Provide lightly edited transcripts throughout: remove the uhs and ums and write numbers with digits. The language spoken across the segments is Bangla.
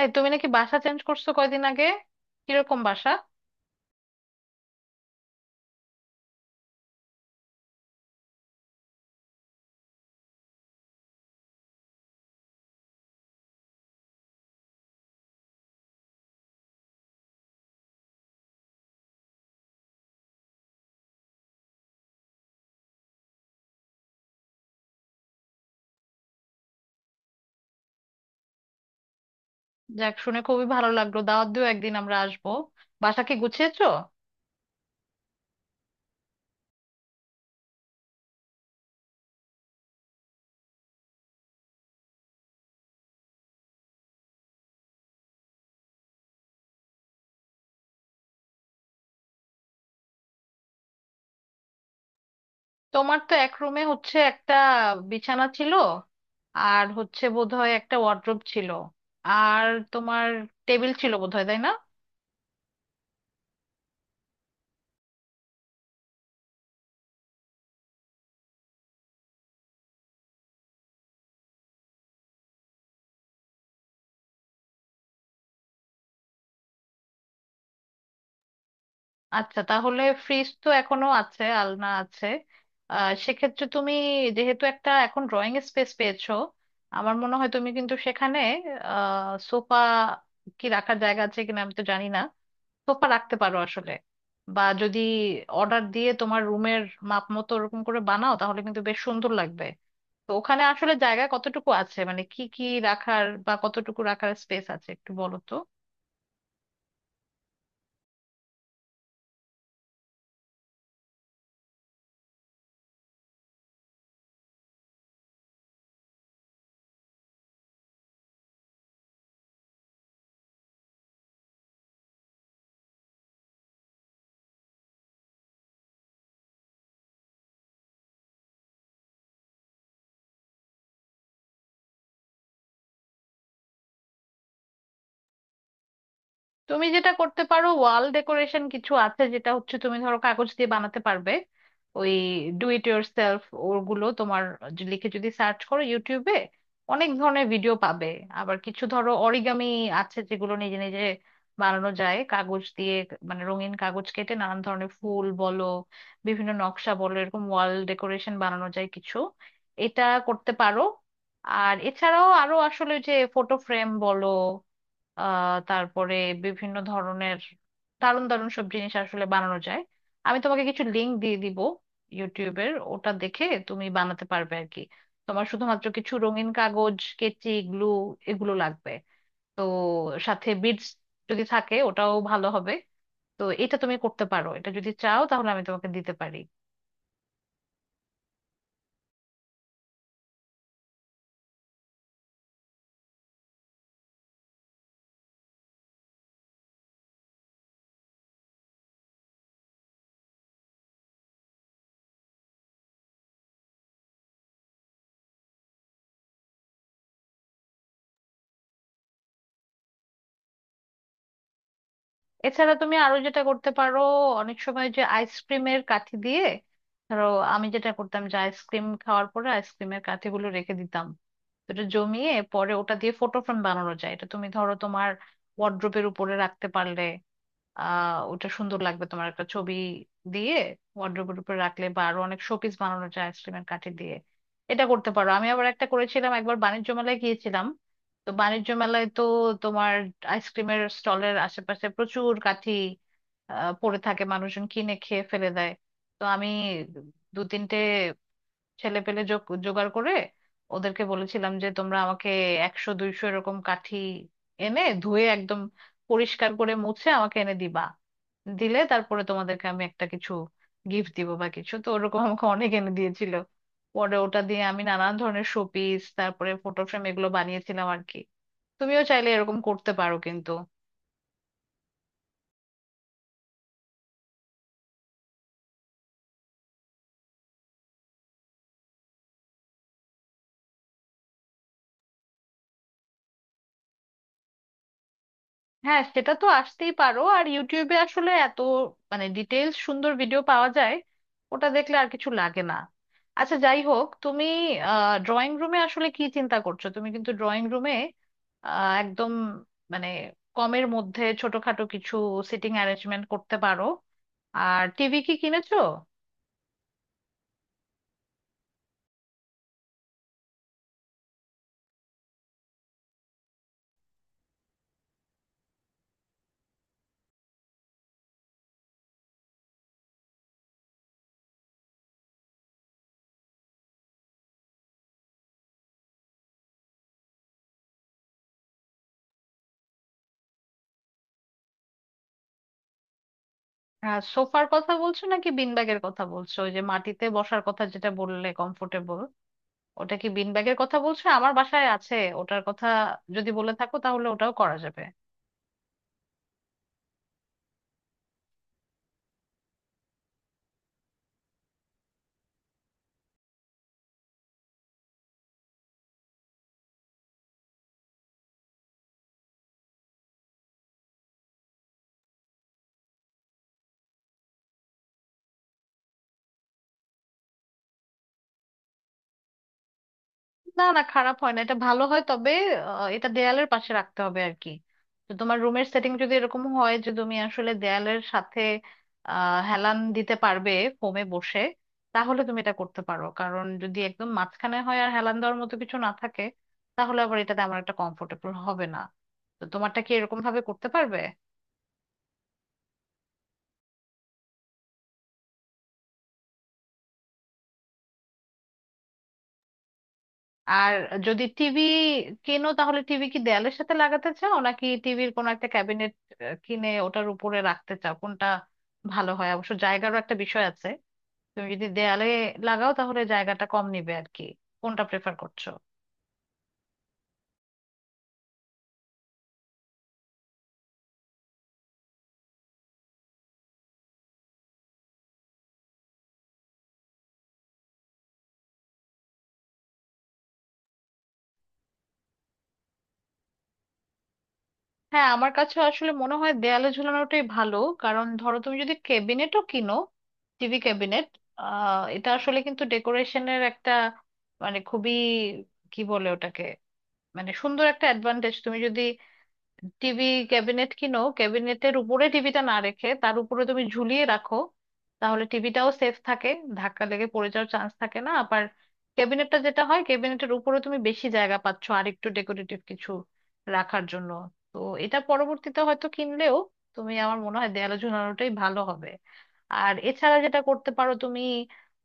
এই তুমি নাকি বাসা চেঞ্জ করছো কয়দিন আগে? কিরকম বাসা? যাক, শুনে খুবই ভালো লাগলো। দাওয়াত দিও, একদিন আমরা আসবো। বাসা কি গুছিয়েছো? তোমার তো এক রুমে হচ্ছে একটা বিছানা ছিল, আর হচ্ছে বোধহয় একটা ওয়ার্ড্রোব ছিল, আর তোমার টেবিল ছিল বোধহয়, তাই না? আচ্ছা, তাহলে ফ্রিজ তো এখনো আছে, আলনা আছে। সেক্ষেত্রে তুমি যেহেতু একটা এখন ড্রয়িং স্পেস পেয়েছো, আমার মনে হয় তুমি কিন্তু সেখানে সোফা কি রাখার জায়গা আছে কিনা আমি তো জানি না, সোফা রাখতে পারো আসলে। বা যদি অর্ডার দিয়ে তোমার রুমের মাপ মতো ওরকম করে বানাও তাহলে কিন্তু বেশ সুন্দর লাগবে। তো ওখানে আসলে জায়গা কতটুকু আছে, মানে কি কি রাখার বা কতটুকু রাখার স্পেস আছে একটু বলো তো। তুমি যেটা করতে পারো, ওয়াল ডেকোরেশন কিছু আছে যেটা হচ্ছে তুমি ধরো কাগজ দিয়ে বানাতে পারবে। ওই ডু ইট ইয়োর সেলফ, ওগুলো তোমার লিখে যদি সার্চ করো ইউটিউবে অনেক ধরনের ভিডিও পাবে। আবার কিছু ধরো অরিগামি আছে যেগুলো নিজে নিজে বানানো যায় কাগজ দিয়ে। মানে রঙিন কাগজ কেটে নানান ধরনের ফুল বলো, বিভিন্ন নকশা বলো, এরকম ওয়াল ডেকোরেশন বানানো যায় কিছু, এটা করতে পারো। আর এছাড়াও আরো আসলে যে ফটো ফ্রেম বলো, তারপরে বিভিন্ন ধরনের দারুণ দারুণ সব জিনিস আসলে বানানো যায়। আমি তোমাকে কিছু লিংক দিয়ে দিব ইউটিউবের, ওটা দেখে তুমি বানাতে পারবে আর কি। তোমার শুধুমাত্র কিছু রঙিন কাগজ, কেচি, গ্লু, এগুলো লাগবে। তো সাথে বিডস যদি থাকে ওটাও ভালো হবে। তো এটা তুমি করতে পারো, এটা যদি চাও তাহলে আমি তোমাকে দিতে পারি। এছাড়া তুমি আরো যেটা করতে পারো, অনেক সময় যে আইসক্রিমের কাঠি দিয়ে ধরো, আমি যেটা করতাম যে আইসক্রিম খাওয়ার পরে আইসক্রিমের কাঠিগুলো রেখে দিতাম। তো এটা জমিয়ে পরে ওটা দিয়ে ফটো ফ্রেম বানানো যায়। এটা তুমি ধরো তোমার ওয়ার্ড্রোবের উপরে রাখতে পারলে ওটা সুন্দর লাগবে। তোমার একটা ছবি দিয়ে ওয়ার্ড্রোবের উপর রাখলে, বা আরো অনেক শোপিস বানানো যায় আইসক্রিমের কাঠি দিয়ে, এটা করতে পারো। আমি আবার একটা করেছিলাম, একবার বাণিজ্য মেলায় গিয়েছিলাম, তো বাণিজ্য মেলায় তো তোমার আইসক্রিমের স্টলের আশেপাশে প্রচুর কাঠি পড়ে থাকে, মানুষজন কিনে খেয়ে ফেলে দেয়। তো আমি দু তিনটে ছেলে পেলে জোগাড় করে ওদেরকে বলেছিলাম যে তোমরা আমাকে 100 200 এরকম কাঠি এনে ধুয়ে একদম পরিষ্কার করে মুছে আমাকে এনে দিবা, দিলে তারপরে তোমাদেরকে আমি একটা কিছু গিফট দিব বা কিছু। তো ওরকম আমাকে অনেক এনে দিয়েছিল, পরে ওটা দিয়ে আমি নানান ধরনের শোপিস, তারপরে ফটো ফ্রেম, এগুলো বানিয়েছিলাম আর কি। তুমিও চাইলে এরকম করতে পারো কিন্তু। হ্যাঁ, সেটা তো আসতেই পারো। আর ইউটিউবে আসলে এত মানে ডিটেলস সুন্দর ভিডিও পাওয়া যায়, ওটা দেখলে আর কিছু লাগে না। আচ্ছা, যাই হোক, তুমি ড্রয়িং রুমে আসলে কি চিন্তা করছো? তুমি কিন্তু ড্রয়িং রুমে একদম মানে কমের মধ্যে ছোটখাটো কিছু সিটিং অ্যারেঞ্জমেন্ট করতে পারো। আর টিভি কি কিনেছো? সোফার কথা বলছো নাকি বিনব্যাগের কথা বলছো? ওই যে মাটিতে বসার কথা যেটা বললে কমফোর্টেবল, ওটা কি বিন ব্যাগের কথা বলছো? আমার বাসায় আছে ওটার কথা যদি বলে থাকো, তাহলে ওটাও করা যাবে। না, না, খারাপ হয় না, এটা ভালো হয়। তবে এটা দেয়ালের পাশে রাখতে হবে আর কি। তো তোমার রুমের সেটিং যদি এরকম হয় যে তুমি আসলে দেয়ালের সাথে হেলান দিতে পারবে ফোমে বসে, তাহলে তুমি এটা করতে পারো। কারণ যদি একদম মাঝখানে হয় আর হেলান দেওয়ার মতো কিছু না থাকে, তাহলে আবার এটা তেমন একটা কমফোর্টেবল হবে না। তো তোমারটা কি এরকম ভাবে করতে পারবে? আর যদি টিভি কেনো, তাহলে টিভি কি দেয়ালের সাথে লাগাতে চাও, নাকি টিভির কোনো একটা ক্যাবিনেট কিনে ওটার উপরে রাখতে চাও? কোনটা ভালো হয়? অবশ্য জায়গারও একটা বিষয় আছে। তুমি যদি দেয়ালে লাগাও, তাহলে জায়গাটা কম নিবে আর কি। কোনটা প্রেফার করছো? হ্যাঁ, আমার কাছে আসলে মনে হয় দেয়ালে ঝুলানোটাই ভালো। কারণ ধরো তুমি যদি ক্যাবিনেটও কিনো, টিভি ক্যাবিনেট, এটা আসলে কিন্তু ডেকোরেশনের একটা মানে খুবই, কি বলে ওটাকে, মানে সুন্দর একটা অ্যাডভান্টেজ। তুমি যদি টিভি ক্যাবিনেট কিনো, ক্যাবিনেটের উপরে টিভিটা না রেখে তার উপরে তুমি ঝুলিয়ে রাখো, তাহলে টিভিটাও সেফ থাকে, ধাক্কা লেগে পড়ে যাওয়ার চান্স থাকে না। আবার ক্যাবিনেটটা যেটা হয়, ক্যাবিনেটের উপরে তুমি বেশি জায়গা পাচ্ছ আর একটু ডেকোরেটিভ কিছু রাখার জন্য। তো এটা পরবর্তীতে হয়তো কিনলেও তুমি, আমার মনে হয়, দেয়ালে ঝুলানোটাই ভালো হবে। আর এছাড়া যেটা করতে পারো তুমি,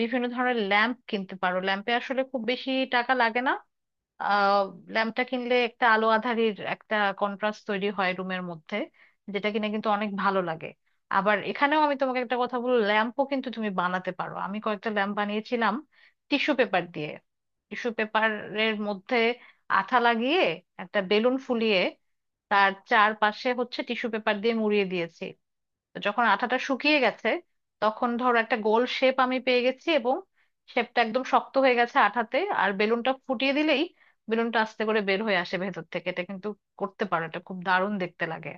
বিভিন্ন ধরনের ল্যাম্প কিনতে পারো। ল্যাম্পে আসলে খুব বেশি টাকা লাগে না। আহ ল্যাম্পটা কিনলে একটা আলো আঁধারির একটা কন্ট্রাস্ট তৈরি হয় রুমের মধ্যে, যেটা কিনা কিন্তু অনেক ভালো লাগে। আবার এখানেও আমি তোমাকে একটা কথা বলবো, ল্যাম্পও কিন্তু তুমি বানাতে পারো। আমি কয়েকটা ল্যাম্প বানিয়েছিলাম টিস্যু পেপার দিয়ে। টিস্যু পেপারের মধ্যে আঠা লাগিয়ে, একটা বেলুন ফুলিয়ে তার চারপাশে হচ্ছে টিস্যু পেপার দিয়ে মুড়িয়ে দিয়েছি। যখন আঠাটা শুকিয়ে গেছে, তখন ধরো একটা গোল শেপ আমি পেয়ে গেছি, এবং শেপটা একদম শক্ত হয়ে গেছে আঠাতে। আর বেলুনটা ফুটিয়ে দিলেই বেলুনটা আস্তে করে বের হয়ে আসে ভেতর থেকে। এটা কিন্তু করতে পারো, এটা খুব দারুণ দেখতে লাগে।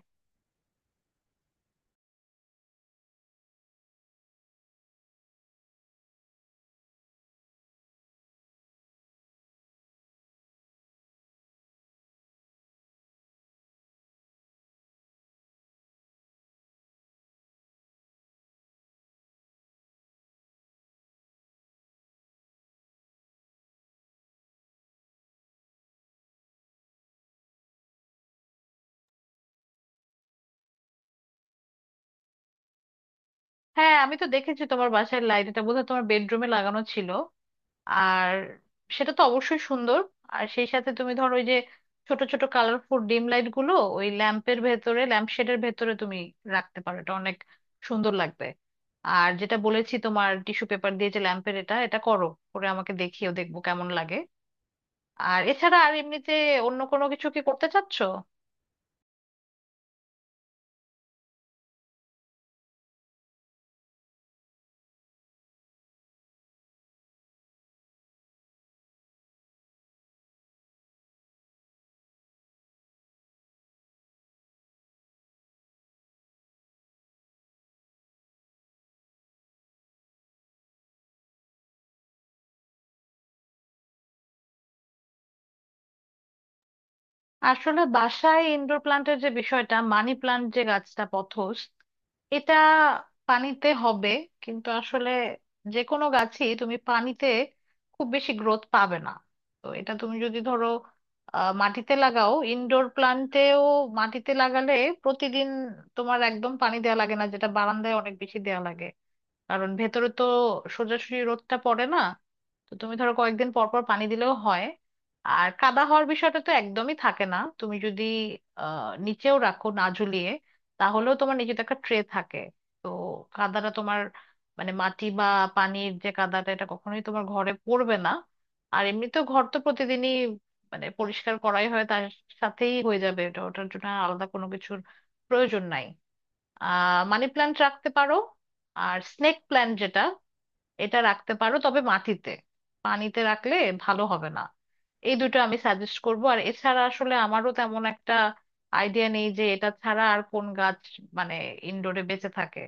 হ্যাঁ, আমি তো দেখেছি তোমার বাসার লাইট, এটা বোধহয় তোমার বেডরুমে লাগানো ছিল। আর সেটা তো অবশ্যই সুন্দর। আর সেই সাথে তুমি ধরো ওই যে ছোট ছোট কালারফুল ডিম লাইট গুলো ওই ল্যাম্পের ভেতরে, ল্যাম্প শেডের ভেতরে তুমি রাখতে পারো, এটা অনেক সুন্দর লাগবে। আর যেটা বলেছি তোমার টিস্যু পেপার দিয়ে যে ল্যাম্পের, এটা এটা করো, করে আমাকে দেখিও, দেখবো কেমন লাগে। আর এছাড়া আর এমনিতে অন্য কোনো কিছু কি করতে চাচ্ছ? আসলে বাসায় ইনডোর প্লান্টের যে বিষয়টা, মানি প্লান্ট যে গাছটা পথস, এটা পানিতে হবে। কিন্তু আসলে যে কোনো গাছই তুমি পানিতে খুব বেশি গ্রোথ পাবে না। তো এটা তুমি যদি ধরো মাটিতে লাগাও, ইনডোর প্লান্টেও মাটিতে লাগালে প্রতিদিন তোমার একদম পানি দেওয়া লাগে না, যেটা বারান্দায় অনেক বেশি দেওয়া লাগে, কারণ ভেতরে তো সোজাসুজি রোদটা পড়ে না। তো তুমি ধরো কয়েকদিন পর পর পানি দিলেও হয়। আর কাদা হওয়ার বিষয়টা তো একদমই থাকে না। তুমি যদি নিচেও রাখো, না ঝুলিয়ে, তাহলেও তোমার নিচে তো একটা ট্রে থাকে। তো কাদাটা তোমার মানে মাটি বা পানির যে কাদাটা, এটা কখনোই তোমার ঘরে পড়বে না। আর এমনিতেও ঘর তো প্রতিদিনই মানে পরিষ্কার করাই হয়, তার সাথেই হয়ে যাবে এটা, ওটার জন্য আর আলাদা কোনো কিছুর প্রয়োজন নাই। মানি প্ল্যান্ট রাখতে পারো, আর স্নেক প্ল্যান্ট যেটা, এটা রাখতে পারো তবে মাটিতে, পানিতে রাখলে ভালো হবে না। এই দুটো আমি সাজেস্ট করব। আর এছাড়া আসলে আমারও তেমন একটা আইডিয়া নেই যে এটা ছাড়া আর কোন গাছ মানে ইনডোরে বেঁচে থাকে।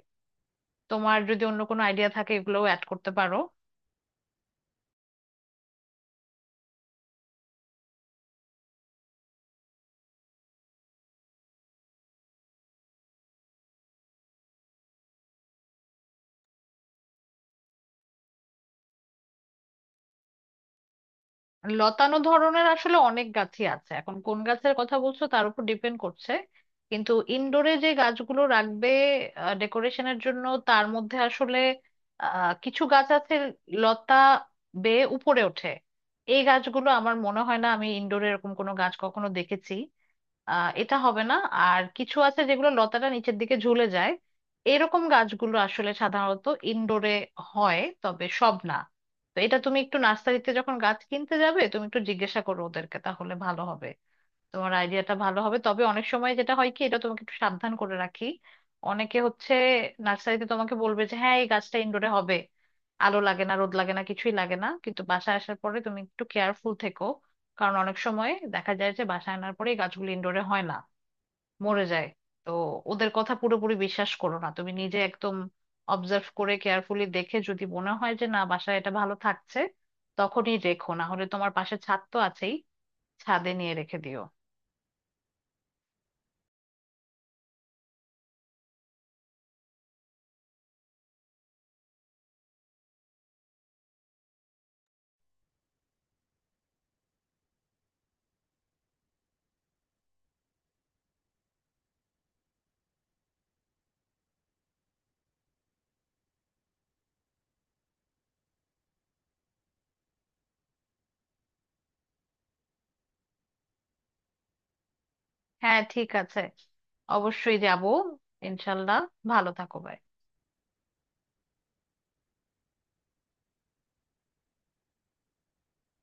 তোমার যদি অন্য কোনো আইডিয়া থাকে এগুলোও অ্যাড করতে পারো। লতানো ধরনের আসলে অনেক গাছই আছে, এখন কোন গাছের কথা বলছো তার উপর ডিপেন্ড করছে। কিন্তু ইনডোরে যে গাছগুলো রাখবে ডেকোরেশনের জন্য তার মধ্যে আসলে কিছু গাছ আছে লতা বেয়ে উপরে ওঠে, এই গাছগুলো আমার মনে হয় না, আমি ইনডোরে এরকম কোনো গাছ কখনো দেখেছি। এটা হবে না। আর কিছু আছে যেগুলো লতাটা নিচের দিকে ঝুলে যায়, এরকম গাছগুলো আসলে সাধারণত ইনডোরে হয়, তবে সব না। তো এটা তুমি একটু নার্সারিতে যখন গাছ কিনতে যাবে তুমি একটু জিজ্ঞাসা করো ওদেরকে, তাহলে ভালো হবে। তোমার আইডিয়াটা ভালো হবে, তবে অনেক সময় যেটা হয় কি, এটা তোমাকে একটু সাবধান করে রাখি, অনেকে হচ্ছে নার্সারিতে তোমাকে বলবে যে হ্যাঁ, এই গাছটা ইনডোরে হবে, আলো লাগে না, রোদ লাগে না, কিছুই লাগে না। কিন্তু বাসায় আসার পরে তুমি একটু কেয়ারফুল থেকো, কারণ অনেক সময় দেখা যায় যে বাসায় আনার পরে এই গাছগুলো ইনডোরে হয় না, মরে যায়। তো ওদের কথা পুরোপুরি বিশ্বাস করো না, তুমি নিজে একদম অবজার্ভ করে কেয়ারফুলি দেখে যদি মনে হয় যে না, বাসায় এটা ভালো থাকছে, তখনই রেখো। না হলে তোমার পাশে ছাদ তো আছেই, ছাদে নিয়ে রেখে দিও। হ্যাঁ, ঠিক আছে, অবশ্যই যাব। ইনশাল্লাহ, ভালো থাকো ভাই।